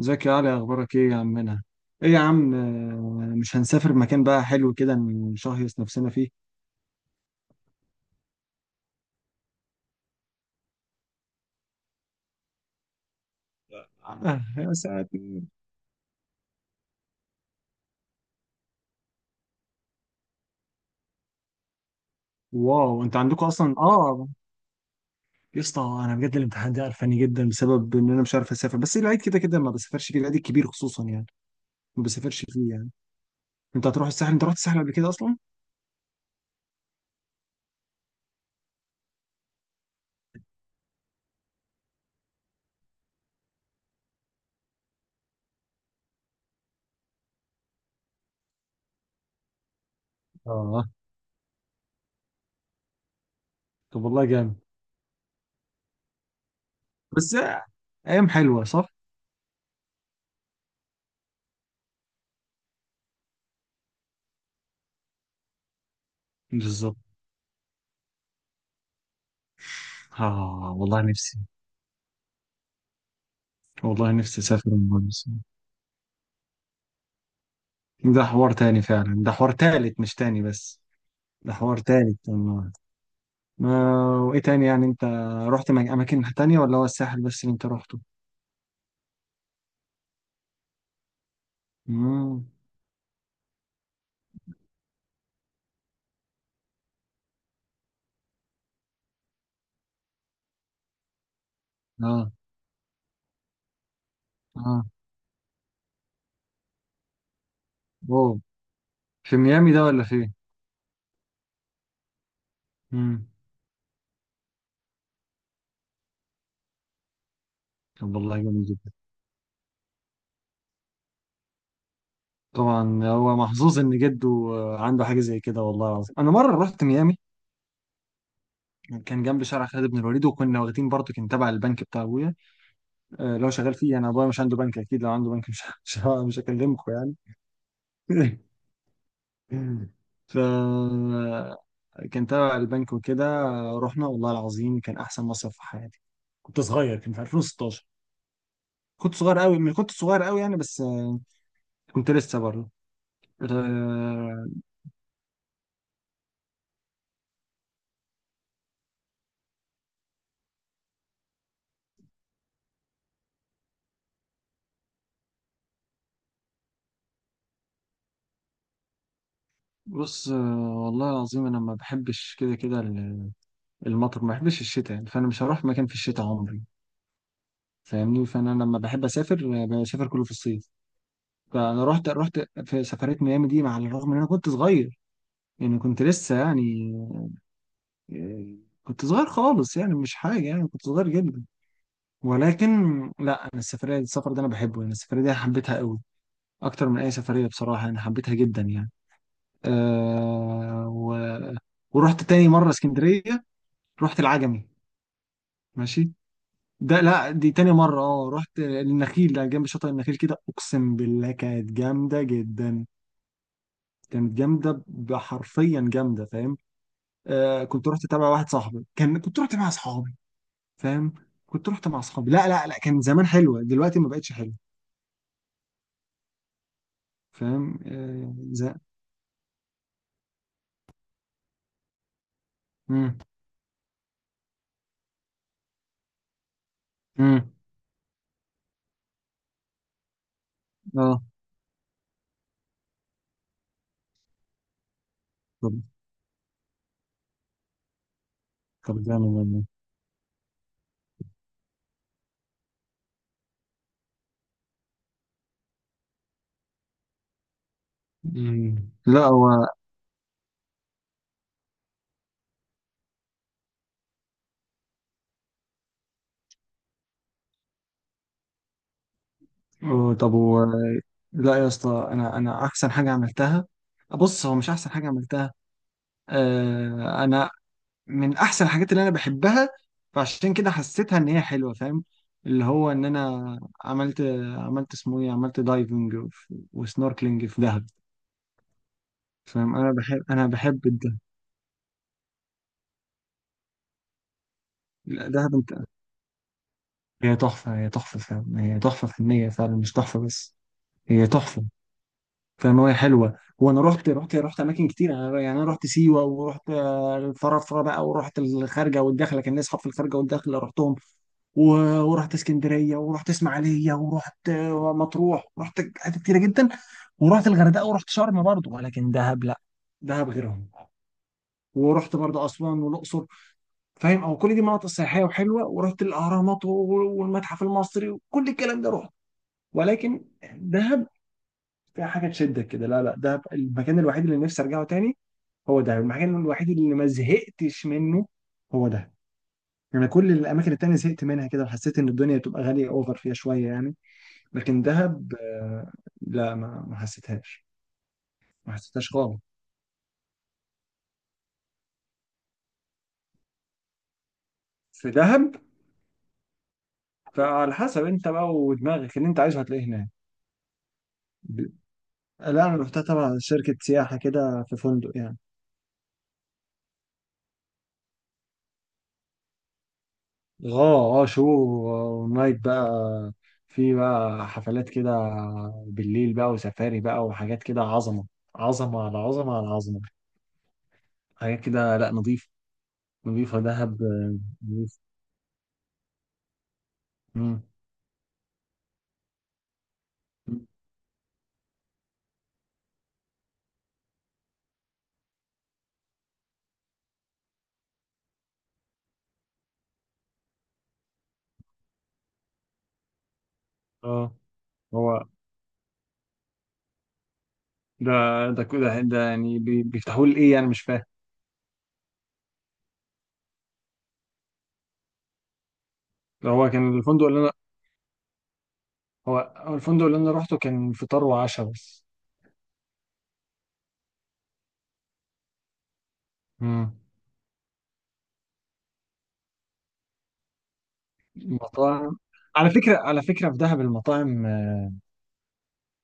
ازيك يا علي، اخبارك ايه يا عمنا؟ ايه يا عم، مش هنسافر مكان بقى حلو كده نشهيص نفسنا فيه. آه، يا س- واو انت عندكم اصلا؟ اه، يا اسطى انا بجد الامتحان ده قرفاني جدا بسبب ان انا مش عارف اسافر، بس العيد كده كده ما بسافرش فيه، العيد الكبير خصوصا يعني، ما بسافرش فيه يعني. انت هتروح الساحل؟ انت رحت الساحل قبل كده اصلا؟ اه، طب والله جامد. بس ايام حلوه صح؟ بالظبط. اه والله نفسي. والله نفسي اسافر المره دي. ده حوار تاني فعلا، ده حوار تالت مش تاني بس، ده حوار تاني والله. ما، وايه تاني يعني انت، اماكن تانية ولا هو الساحل بس اللي انت رحته؟ امم اه. اه. اوه. في ميامي ده ولا فين؟ امم طب والله جميل جدا. طبعا هو محظوظ ان جده عنده حاجه زي كده، والله العظيم انا مره رحت ميامي، كان جنب شارع خالد بن الوليد، وكنا واخدين برضه كان تبع البنك بتاع ابويا. لو شغال فيه انا، ابويا مش عنده بنك اكيد، لو عنده بنك مش مش هكلمكم يعني. ف كان تبع البنك وكده. رحنا والله العظيم كان احسن مصيف في حياتي. كنت صغير، كان في 2016. كنت صغير قوي، كنت صغير قوي يعني، بس كنت لسه برضه، آه، بص والله العظيم انا ما بحبش كده كده المطر، ما بحبش الشتاء يعني، فانا مش هروح مكان في الشتاء عمري، فاهمني. فانا لما بحب اسافر بسافر كله في الصيف. فانا رحت في سفريه ميامي دي، مع الرغم ان انا كنت صغير يعني، كنت لسه يعني، آه، كنت صغير خالص يعني، مش حاجه يعني، كنت صغير جدا. ولكن لا، انا السفريه، السفر ده انا بحبه يعني، السفريه دي حبيتها قوي اكتر من اي سفريه، بصراحه انا حبيتها جدا يعني. أه و... ورحت تاني مره اسكندريه، رحت العجمي. ماشي. ده لا دي تاني مره، اه رحت النخيل، ده جنب شاطئ النخيل كده، اقسم بالله كانت جامده جدا، كانت جامده، حرفيا جامده فاهم. أه كنت رحت تبع واحد صاحبي، كان كنت رحت مع اصحابي، فاهم، كنت رحت مع اصحابي، لا لا لا كان زمان حلوه، دلوقتي ما بقتش حلوه فاهم امم امم اه، طب، طب جامد والله. لا هو، طب هو، لا يا اسطى انا احسن حاجه عملتها، بص هو مش احسن حاجه عملتها. انا من احسن الحاجات اللي انا بحبها، فعشان كده حسيتها ان هي حلوه فاهم، اللي هو ان انا، عملت عملت اسمه ايه، عملت دايفنج وسنوركلينج في دهب، فاهم. انا بحب، انا بحب الدهب. لا، دهب انت، هي تحفه، هي تحفه فاهم، هي تحفه فنيه فعلا مش تحفه بس، هي تحفه فاهمة، هي حلوة وانا رحت اماكن كتير، يعني انا رحت سيوة، ورحت الفرافرة بقى، ورحت الخارجة والداخلة، كان ليا اصحاب في الخارجة والداخلة رحتهم، ورحت اسكندرية ورحت اسماعيلية ورحت مطروح، رحت حتت كتيرة جدا، ورحت الغردقة ورحت شرم برضه، ولكن دهب لا، دهب غيرهم. ورحت برضه اسوان والاقصر، فاهم، او كل دي مناطق سياحية وحلوة، ورحت الاهرامات والمتحف المصري وكل الكلام ده رحت. ولكن دهب فيها حاجه تشدك كده، لا لا، ده المكان الوحيد اللي نفسي ارجعه تاني، هو ده المكان الوحيد اللي ما زهقتش منه، هو ده يعني. كل الاماكن التانية زهقت منها كده، وحسيت ان الدنيا بتبقى غاليه اوفر فيها شويه يعني. لكن دهب لا، ما حسيتهاش، ما حسيتهاش خالص في دهب. فعلى حسب انت بقى ودماغك اللي انت عايزه هتلاقيه هناك. ب- لا انا رحتها تبع شركه سياحه كده، في فندق يعني. اه اه شو، ونايت بقى، في بقى حفلات كده بالليل بقى وسفاري بقى وحاجات كده، عظمة، عظمة على عظمة على عظمة، حاجات كده، لا نظيف، نظيفة دهب نظيف. مم. اه. هو ده ده كده ده يعني بيفتحوا لي ايه يعني مش فاهم. ده هو كان الفندق اللي انا، هو هو الفندق اللي انا روحته كان فطار وعشاء بس. مم. مطاعم، على فكرة، على فكرة في دهب المطاعم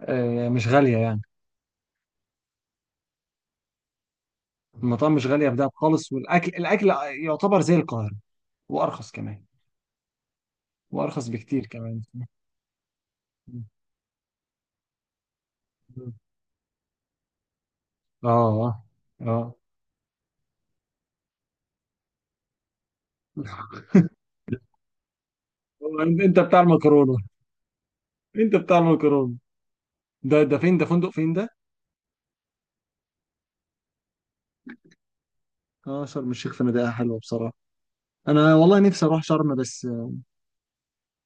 مش غالية يعني، المطاعم مش غالية في دهب خالص، والأكل، الأكل يعتبر زي القاهرة، وأرخص كمان، وأرخص بكتير كمان. آه. آه. هو. أنت بتاع المكرونة، أنت بتاع المكرونة. ده فين، ده فندق فين ده؟ آه شرم الشيخ فنادقها حلوة بصراحة. أنا والله نفسي أروح شرم بس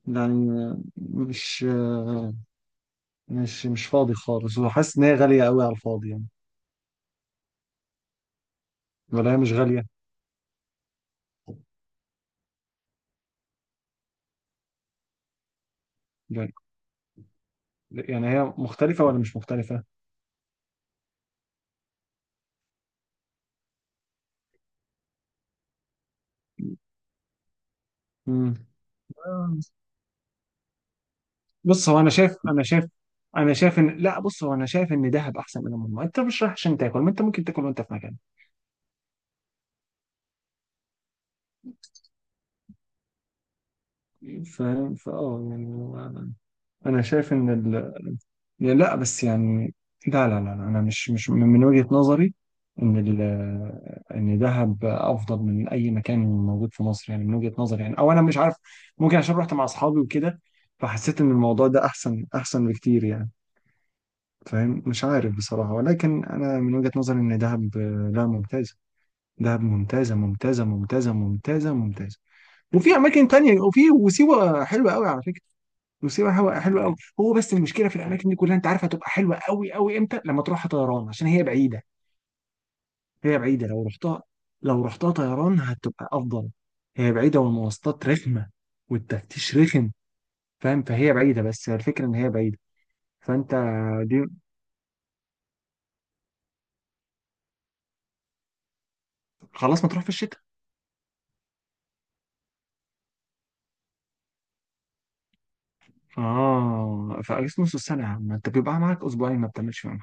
يعني، مش مش مش فاضي خالص، وحاسس إن هي غالية قوي على الفاضي يعني. ولا هي مش غالية؟ لا. يعني هي مختلفة ولا مش مختلفة؟ مم. بص هو انا شايف، انا شايف، انا شايف ان لا، بص هو انا شايف ان دهب احسن من المجمع، انت مش رايح عشان تاكل، ما انت ممكن تاكل وانت في مكان. فاهم فاه يعني انا شايف ان ال... يعني لا بس يعني، لا لا لا لا، انا مش، من وجهة نظري ان ال... ان دهب افضل من اي مكان موجود في مصر يعني، من وجهة نظري يعني، او انا مش عارف، ممكن عشان رحت مع اصحابي وكده، فحسيت ان الموضوع ده احسن، احسن بكتير يعني. فاهم، مش عارف بصراحة، ولكن انا من وجهة نظري ان دهب لا ممتاز، دهب ممتازة ممتازة ممتازة ممتازة ممتازة. وفي أماكن تانية، وفي، وسيوة حلوة قوي على فكرة، وسيوة حلوة حلوة قوي. هو بس المشكلة في الأماكن دي كلها أنت عارف، هتبقى حلوة قوي قوي إمتى؟ لما تروحها طيران عشان هي بعيدة، هي بعيدة، لو رحتها، لو رحتها طيران هتبقى أفضل، هي بعيدة والمواصلات رخمة والتفتيش رخم فاهم، فهي بعيدة، بس هي الفكرة إن هي بعيدة. فأنت، دي، خلاص ما تروح في الشتاء. آه، في أجازة نص السنة يا عم، أنت بيبقى معاك أسبوعين ما بتعملش فيهم.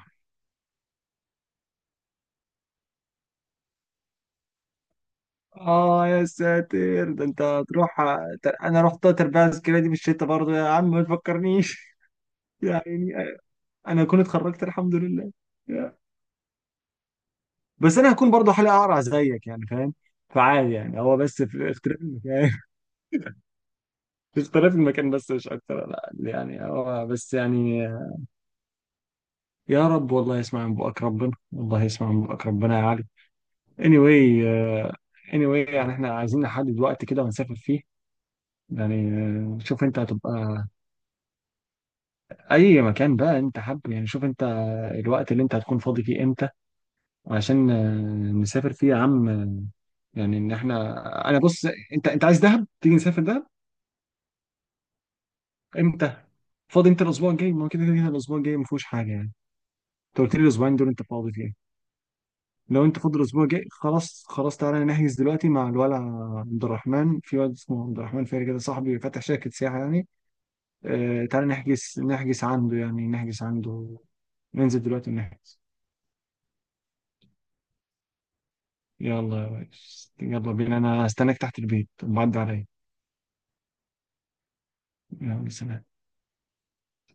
اه يا ساتر، ده انت هتروح. انا رحت تربية عسكرية دي بالشتا برضه يا عم ما تفكرنيش. يعني، انا اكون اتخرجت الحمد لله يا. بس انا هكون برضه حالي اقرع زيك يعني فاهم، فعادي يعني، هو بس في اختلاف المكان. في اختلاف المكان بس، مش اكتر، لا يعني، هو بس يعني. يا رب والله يسمع من بقك ربنا، والله يسمع من بقك ربنا يا علي. anyway، anyway يعني احنا عايزين نحدد وقت كده ونسافر فيه يعني. شوف انت هتبقى، اي مكان بقى انت حابب يعني، شوف انت الوقت اللي انت هتكون فاضي فيه امتى، عشان نسافر فيه يا عم يعني ان احنا، انا بص، انت عايز دهب، تيجي نسافر دهب. امتى فاضي انت؟ الاسبوع الجاي ما هو كده كده الاسبوع الجاي ما فيهوش حاجه يعني، انت قلت لي الاسبوعين دول انت فاضي فيه. لو انت فاضي الاسبوع الجاي خلاص، خلاص تعالى نحجز دلوقتي مع الولع. عبد الرحمن، في واد اسمه عبد الرحمن فاري كده، صاحبي فاتح شركه سياحه يعني. آه تعالى نحجز، نحجز عنده يعني، نحجز عنده، ننزل دلوقتي ونحجز. يلا يا ريس، يلا بينا، انا هستناك تحت البيت معدي عليا. يلا سلام.